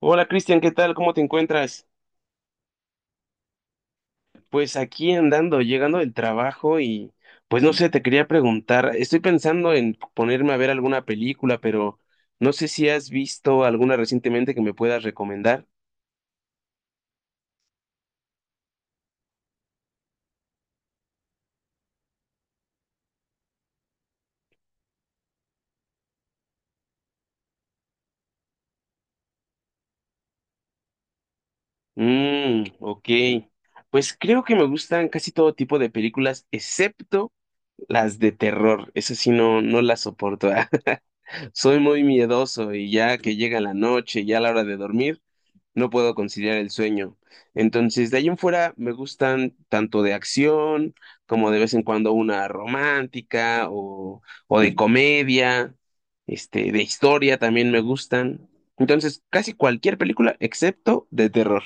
Hola Cristian, ¿qué tal? ¿Cómo te encuentras? Pues aquí andando, llegando del trabajo y pues no sé, te quería preguntar, estoy pensando en ponerme a ver alguna película, pero no sé si has visto alguna recientemente que me puedas recomendar. Mmm, ok. Pues creo que me gustan casi todo tipo de películas, excepto las de terror. Esas sí no, no las soporto. Soy muy miedoso y ya que llega la noche, ya a la hora de dormir. No puedo conciliar el sueño. Entonces, de ahí en fuera me gustan tanto de acción como de vez en cuando una romántica o de comedia, este, de historia también me gustan. Entonces, casi cualquier película excepto de terror.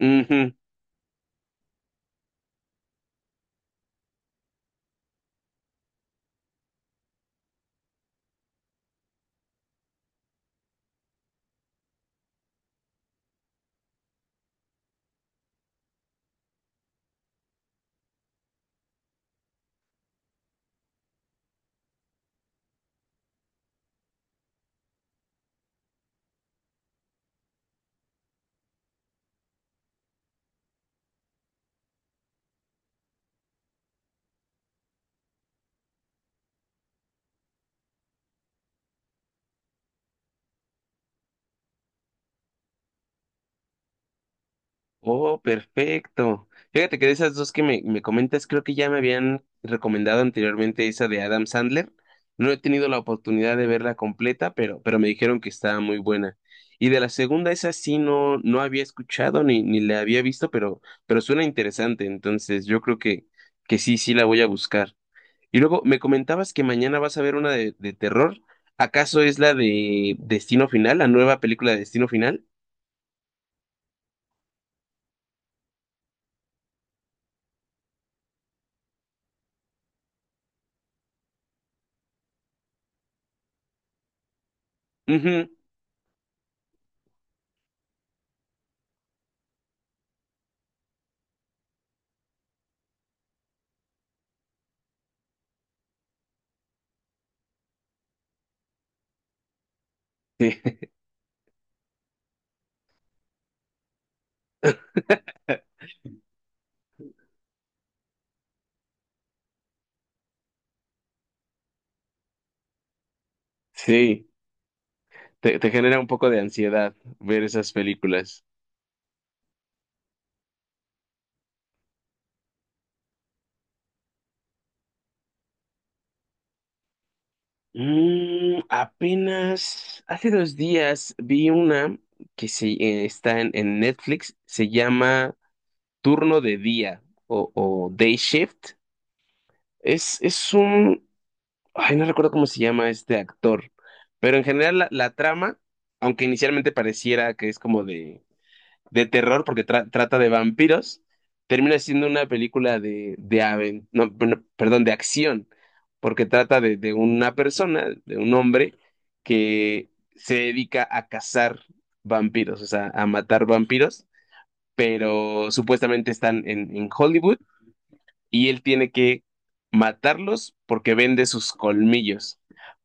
Ujú. Oh, perfecto. Fíjate que de esas dos que me comentas, creo que ya me habían recomendado anteriormente esa de Adam Sandler. No he tenido la oportunidad de verla completa, pero me dijeron que estaba muy buena. Y de la segunda, esa sí no, no había escuchado ni la había visto, pero suena interesante. Entonces, que sí, sí la voy a buscar. Y luego me comentabas que mañana vas a ver una de terror. ¿Acaso es la de Destino Final, la nueva película de Destino Final? Ujú. Sí. Te genera un poco de ansiedad ver esas películas. Mm, apenas hace 2 días vi una que está en Netflix, se llama Turno de Día o Day Shift. Es un, ay, no recuerdo cómo se llama este actor, pero en general la trama, aunque inicialmente pareciera que es como de terror porque trata de vampiros, termina siendo una película de aven- no, bueno, perdón, de acción, porque trata de una persona, de un hombre que se dedica a cazar vampiros, o sea, a matar vampiros, pero supuestamente están en Hollywood y él tiene que matarlos porque vende sus colmillos,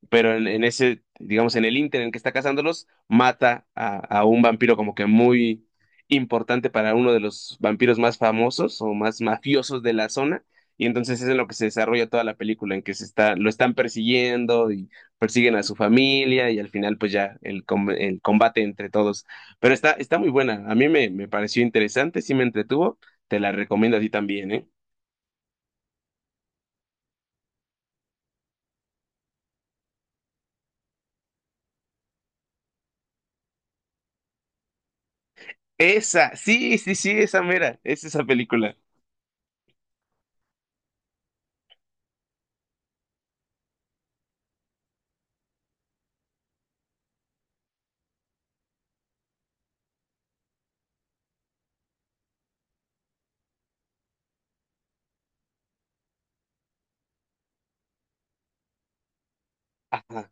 pero en ese, digamos, en el ínter en que está cazándolos, mata a un vampiro como que muy importante para uno de los vampiros más famosos o más mafiosos de la zona. Y entonces es en lo que se desarrolla toda la película, en que se está, lo están persiguiendo y persiguen a su familia y al final pues ya el combate entre todos. Pero está, está muy buena, a mí me pareció interesante, sí me entretuvo, te la recomiendo a ti también, ¿eh? Esa, sí, sí, sí, esa mera, es esa película. Ajá,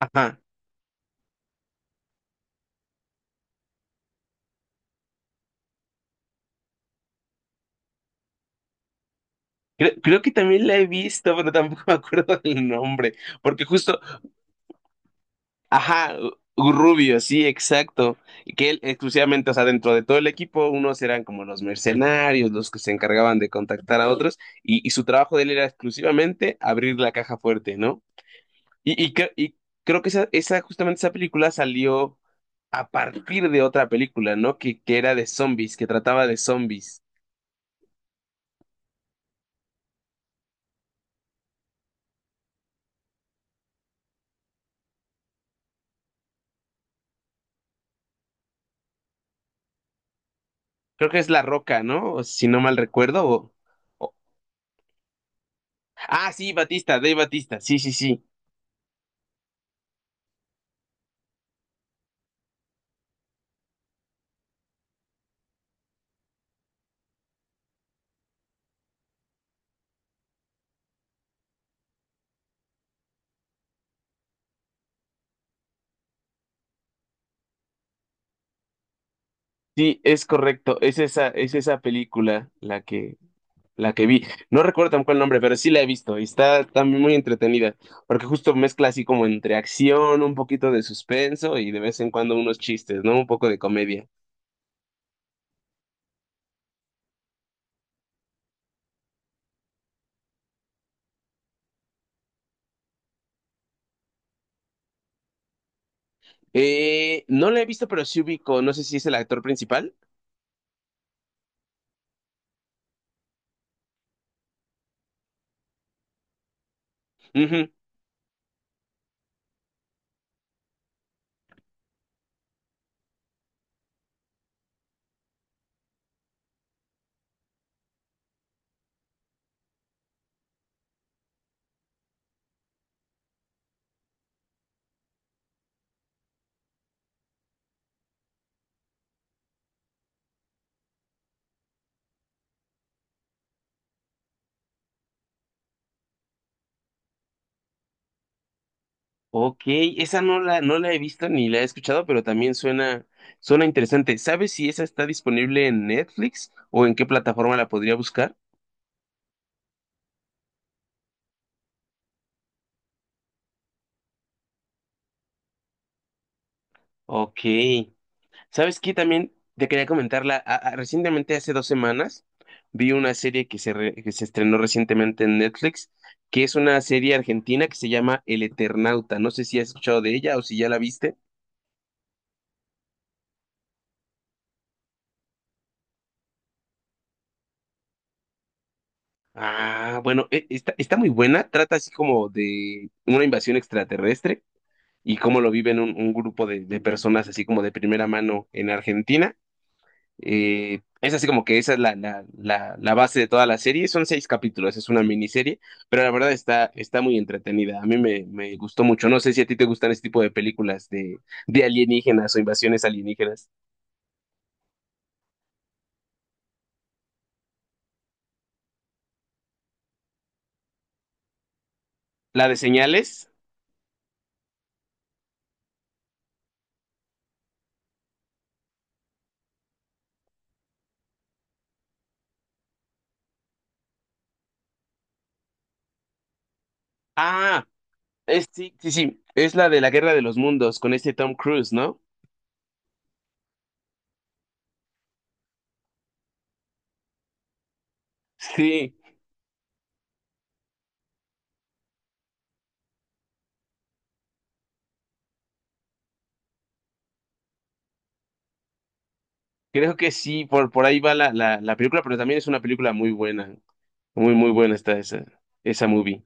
ajá. Creo que también la he visto, pero tampoco me acuerdo del nombre, porque justo, ajá, Rubio, sí, exacto, y que él exclusivamente, o sea, dentro de todo el equipo, unos eran como los mercenarios, los que se encargaban de contactar a otros, y su trabajo de él era exclusivamente abrir la caja fuerte, ¿no? Y creo que esa, justamente esa película salió a partir de otra película, ¿no? Que era de zombies, que trataba de zombies. Creo que es La Roca, ¿no? O si no mal recuerdo, o... Ah, sí, Batista, Dave Batista, sí, sí, sí, sí, es correcto, es esa película la que vi. No recuerdo tampoco el nombre, pero sí la he visto y está también muy entretenida, porque justo mezcla así como entre acción, un poquito de suspenso y de vez en cuando unos chistes, ¿no? Un poco de comedia. No la he visto, pero sí ubico, no sé si es el actor principal. Ok, esa no la he visto ni la he escuchado, pero también suena, suena interesante. ¿Sabes si esa está disponible en Netflix o en qué plataforma la podría buscar? Ok. ¿Sabes qué? También te quería comentarla. Recientemente, hace 2 semanas, vi una serie que que se estrenó recientemente en Netflix, que es una serie argentina que se llama El Eternauta. No sé si has escuchado de ella o si ya la viste. Ah, bueno, está, está muy buena. Trata así como de una invasión extraterrestre y cómo lo viven un grupo de personas así como de primera mano en Argentina. Es así como que esa es la base de toda la serie. Son 6 capítulos, es una miniserie, pero la verdad está, está muy entretenida. A mí me gustó mucho. No sé si a ti te gustan este tipo de películas de alienígenas o invasiones alienígenas. La de señales. Ah, es, sí, sí, sí. Es la de la Guerra de los Mundos con este Tom Cruise, ¿no? Sí, creo que sí. Por ahí va la película, pero también es una película muy buena. Muy, muy buena está esa, esa movie.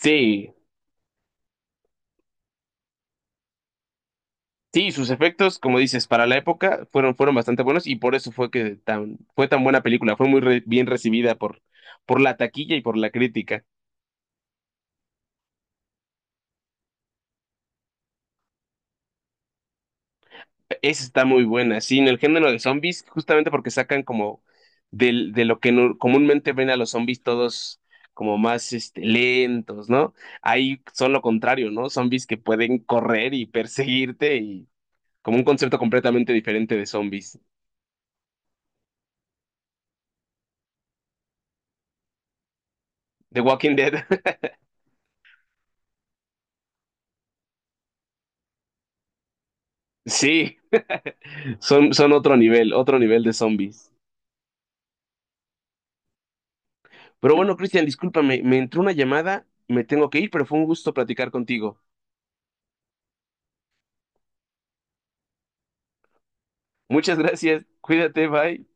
Sí, sí, sus efectos, como dices, para la época fueron bastante buenos y por eso fue que fue tan buena película. Fue bien recibida por la taquilla y por la crítica. Esa está muy buena. Sí, en el género de zombies, justamente porque sacan como del, de lo que comúnmente ven a los zombies todos como más este, lentos, ¿no? Ahí son lo contrario, ¿no? Zombies que pueden correr y perseguirte y como un concepto completamente diferente de zombies. The Walking Dead. Sí, son, son otro nivel de zombies. Pero bueno, Cristian, discúlpame, me entró una llamada, me tengo que ir, pero fue un gusto platicar contigo. Muchas gracias, cuídate, bye.